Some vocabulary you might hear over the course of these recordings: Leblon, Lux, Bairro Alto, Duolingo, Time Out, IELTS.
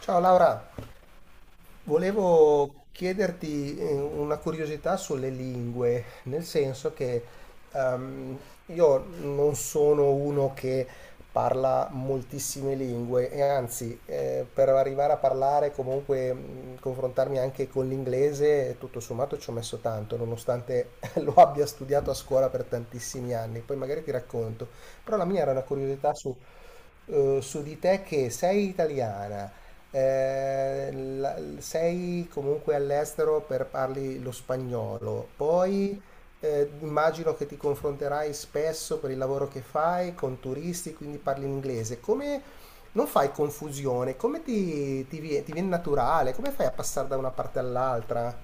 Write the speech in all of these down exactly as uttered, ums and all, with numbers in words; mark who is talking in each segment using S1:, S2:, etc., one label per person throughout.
S1: Ciao Laura, volevo chiederti eh, una curiosità sulle lingue, nel senso che ehm, io non sono uno che parla moltissime lingue e anzi eh, per arrivare a parlare, comunque mh, confrontarmi anche con l'inglese, tutto sommato ci ho messo tanto, nonostante lo abbia studiato a scuola per tantissimi anni, poi magari ti racconto. Però la mia era una curiosità su, eh, su di te che sei italiana, eh, la- sei comunque all'estero per parli lo spagnolo, poi eh, immagino che ti confronterai spesso per il lavoro che fai con turisti, quindi parli in inglese. Come non fai confusione? Come ti, ti vie- ti viene naturale? Come fai a passare da una parte all'altra?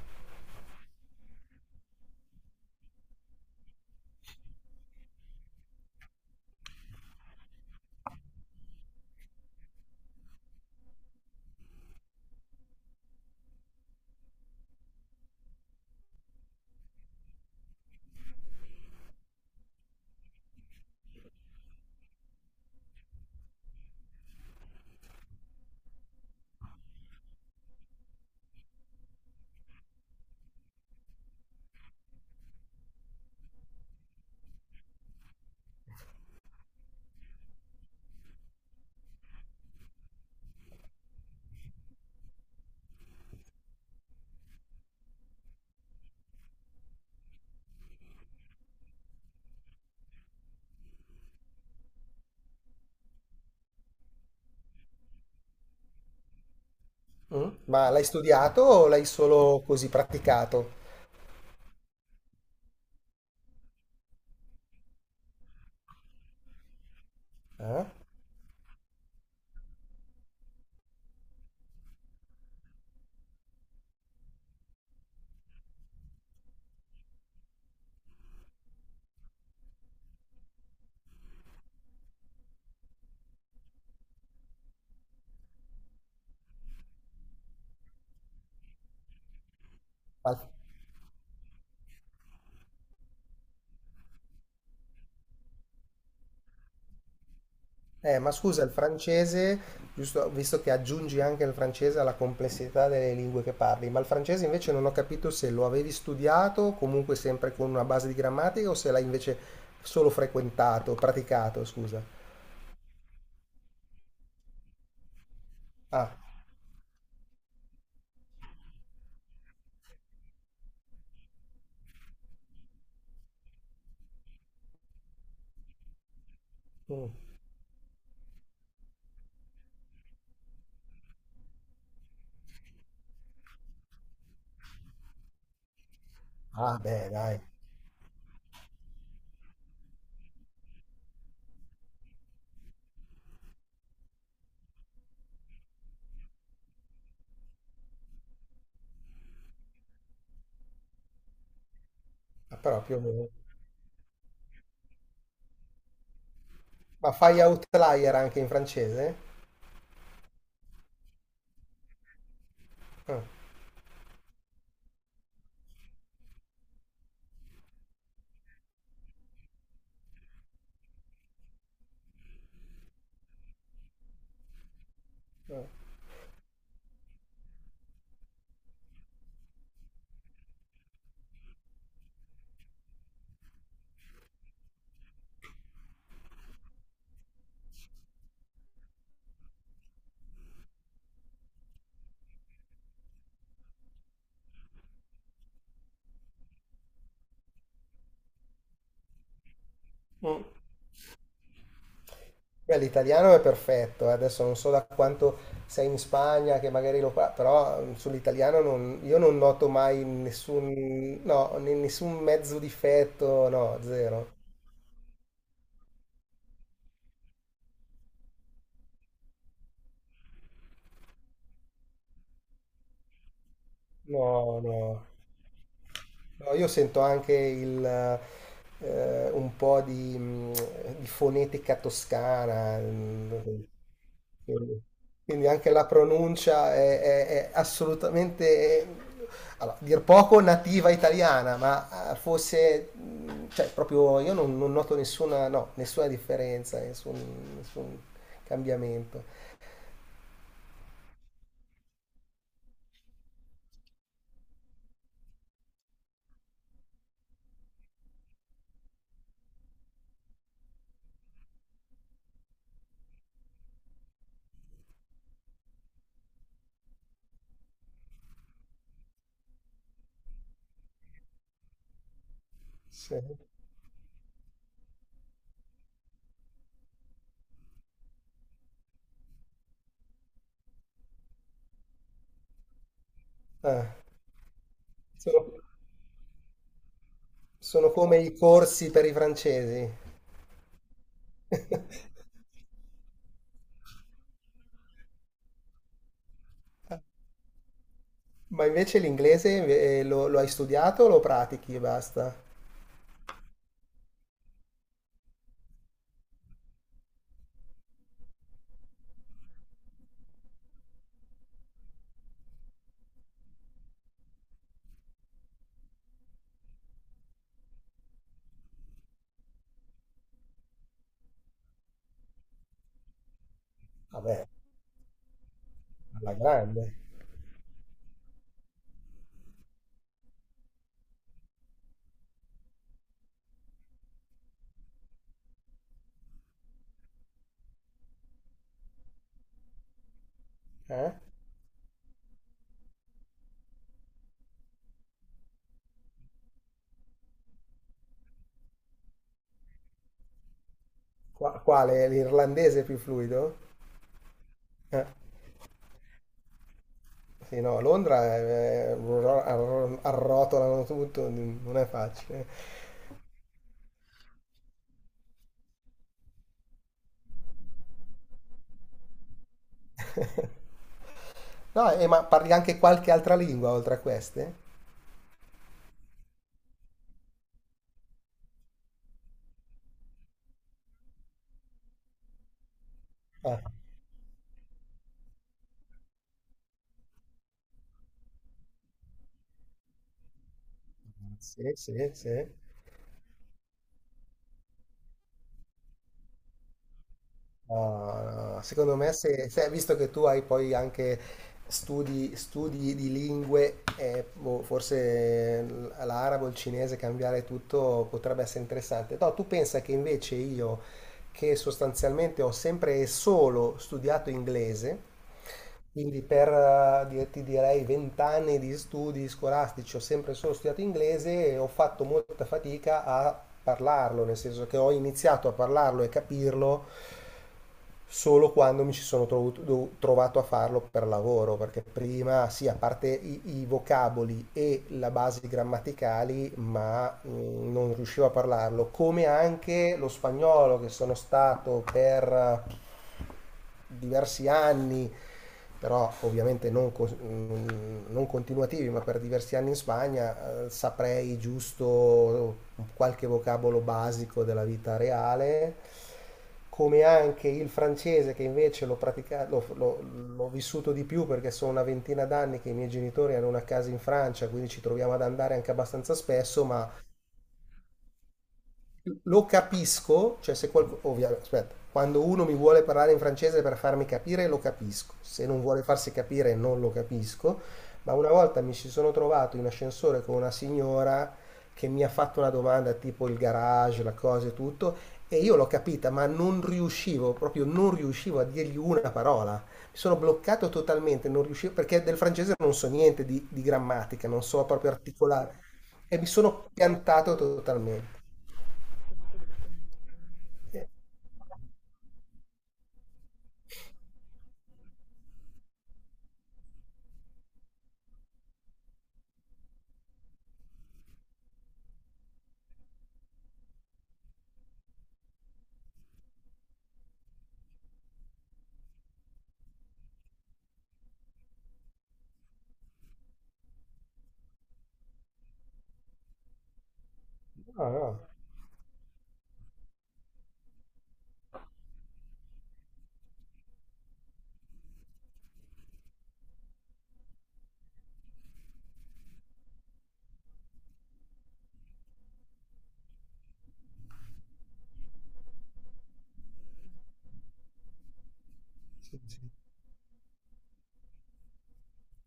S1: Mm? Ma l'hai studiato o l'hai solo così praticato? Eh? Eh, ma scusa, il francese, giusto, visto che aggiungi anche il francese alla complessità delle lingue che parli, ma il francese invece non ho capito se lo avevi studiato, comunque sempre con una base di grammatica, o se l'hai invece solo frequentato, praticato, scusa. Ah, mm. Ah, beh, dai, ma però più o meno. Ma fai outlier anche in francese? Ah. Mm. Beh, l'italiano è perfetto, eh, adesso non so da quanto sei in Spagna, che magari lo parli, però mm, sull'italiano non- io non noto mai nessun, no, ne- nessun mezzo difetto, no, zero. No, no. No, io sento anche il, eh, un po' di, mh, di fonetica toscana, mh, quindi, quindi anche la pronuncia è, è- è assolutamente, è- allora, dir poco nativa italiana, ma eh, fosse, mh, cioè proprio io non, non noto nessuna, no, nessuna differenza, nessun, nessun cambiamento. Sì. Ah, sono sono come i corsi per i francesi. Ma invece l'inglese eh, lo, lo hai studiato o lo pratichi e basta? Vabbè, alla grande. Eh? Qua- quale? L'irlandese più fluido? Eh, Sì, no, a Londra eh, ro- arro- arrotolano tutto, n- non è facile. No, e ma parli anche qualche altra lingua oltre a queste? Ah, sì, sì, sì. No, no, no. Secondo me, se, se- visto che tu hai poi anche studi, studi di lingue, e boh, forse l- l'arabo, il cinese, cambiare tutto potrebbe essere interessante. No, tu pensa che invece io, che sostanzialmente ho sempre e solo studiato inglese, quindi per, eh, di- ti direi, vent'anni di studi scolastici ho sempre solo studiato inglese e ho fatto molta fatica a parlarlo, nel senso che ho iniziato a parlarlo e capirlo solo quando mi ci sono tro- trovato a farlo per lavoro, perché prima sì, a parte i, i vocaboli e la base grammaticali, ma mh, non riuscivo a parlarlo, come anche lo spagnolo che sono stato per diversi anni, però ovviamente non, co- mh, non continuativi, ma per diversi anni in Spagna, eh, saprei giusto qualche vocabolo basico della vita reale, come anche il francese che invece l'ho, praticato, l'ho, l'ho- l'ho vissuto di più perché sono una ventina d'anni che i miei genitori hanno una casa in Francia, quindi ci troviamo ad andare anche abbastanza spesso, ma lo capisco, cioè se qualcuno, ovviamente, aspetta, quando uno mi vuole parlare in francese per farmi capire lo capisco, se non vuole farsi capire non lo capisco, ma una volta mi ci sono trovato in ascensore con una signora che mi ha fatto una domanda tipo il garage, la cosa e tutto, e io l'ho capita, ma non riuscivo, proprio non riuscivo a dirgli una parola. Mi sono bloccato totalmente, non riuscivo, perché del francese non so niente di, di grammatica, non so proprio articolare, e mi sono piantato totalmente. Ah, ah, sì, sì.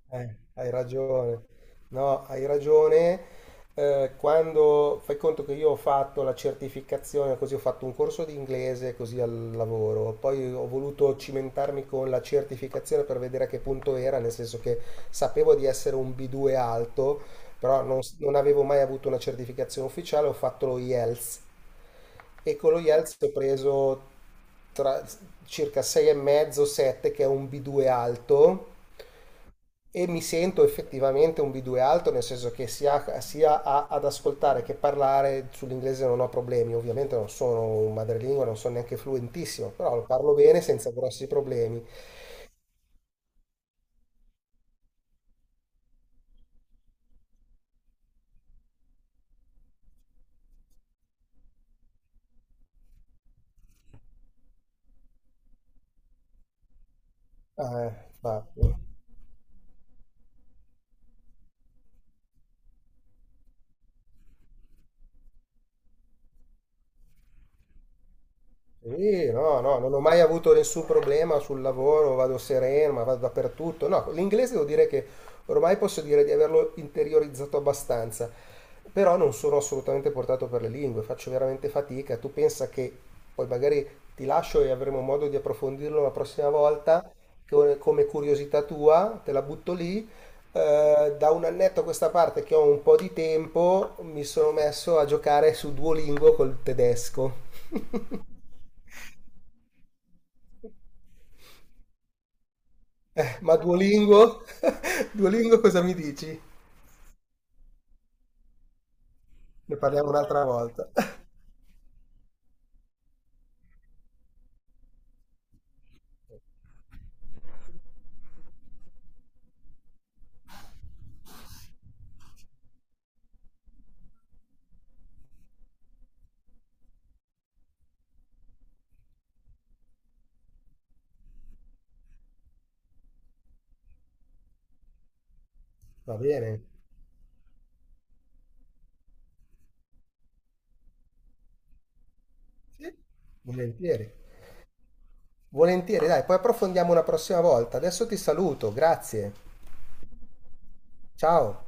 S1: Eh, hai ragione. No, hai ragione. Eh, quando fai conto che io ho fatto la certificazione, così ho fatto un corso di inglese così al lavoro, poi ho voluto cimentarmi con la certificazione per vedere a che punto era, nel senso che sapevo di essere un B due alto, però non, non avevo mai avuto una certificazione ufficiale, ho fatto lo IELTS e con lo IELTS ho preso tra, circa sei virgola cinque-sette, che è un B due alto e mi sento effettivamente un B due alto, nel senso che sia, sia a- ad ascoltare che parlare sull'inglese non ho problemi, ovviamente non sono un madrelingua, non sono neanche fluentissimo, però lo parlo bene senza grossi problemi. Eh, ma- Sì, no, no, non ho mai avuto nessun problema sul lavoro, vado sereno, ma vado dappertutto. No, l'inglese devo dire che ormai posso dire di averlo interiorizzato abbastanza, però non sono assolutamente portato per le lingue, faccio veramente fatica. Tu pensa che poi magari ti lascio e avremo modo di approfondirlo la prossima volta, che- come curiosità tua, te la butto lì. Eh, da un annetto a questa parte che ho un po' di tempo, mi sono messo a giocare su Duolingo col tedesco. Eh, ma Duolingo? Duolingo cosa mi dici? Ne parliamo un'altra volta. Va bene? Sì, volentieri. Volentieri, dai, poi approfondiamo una prossima volta. Adesso ti saluto, grazie. Ciao.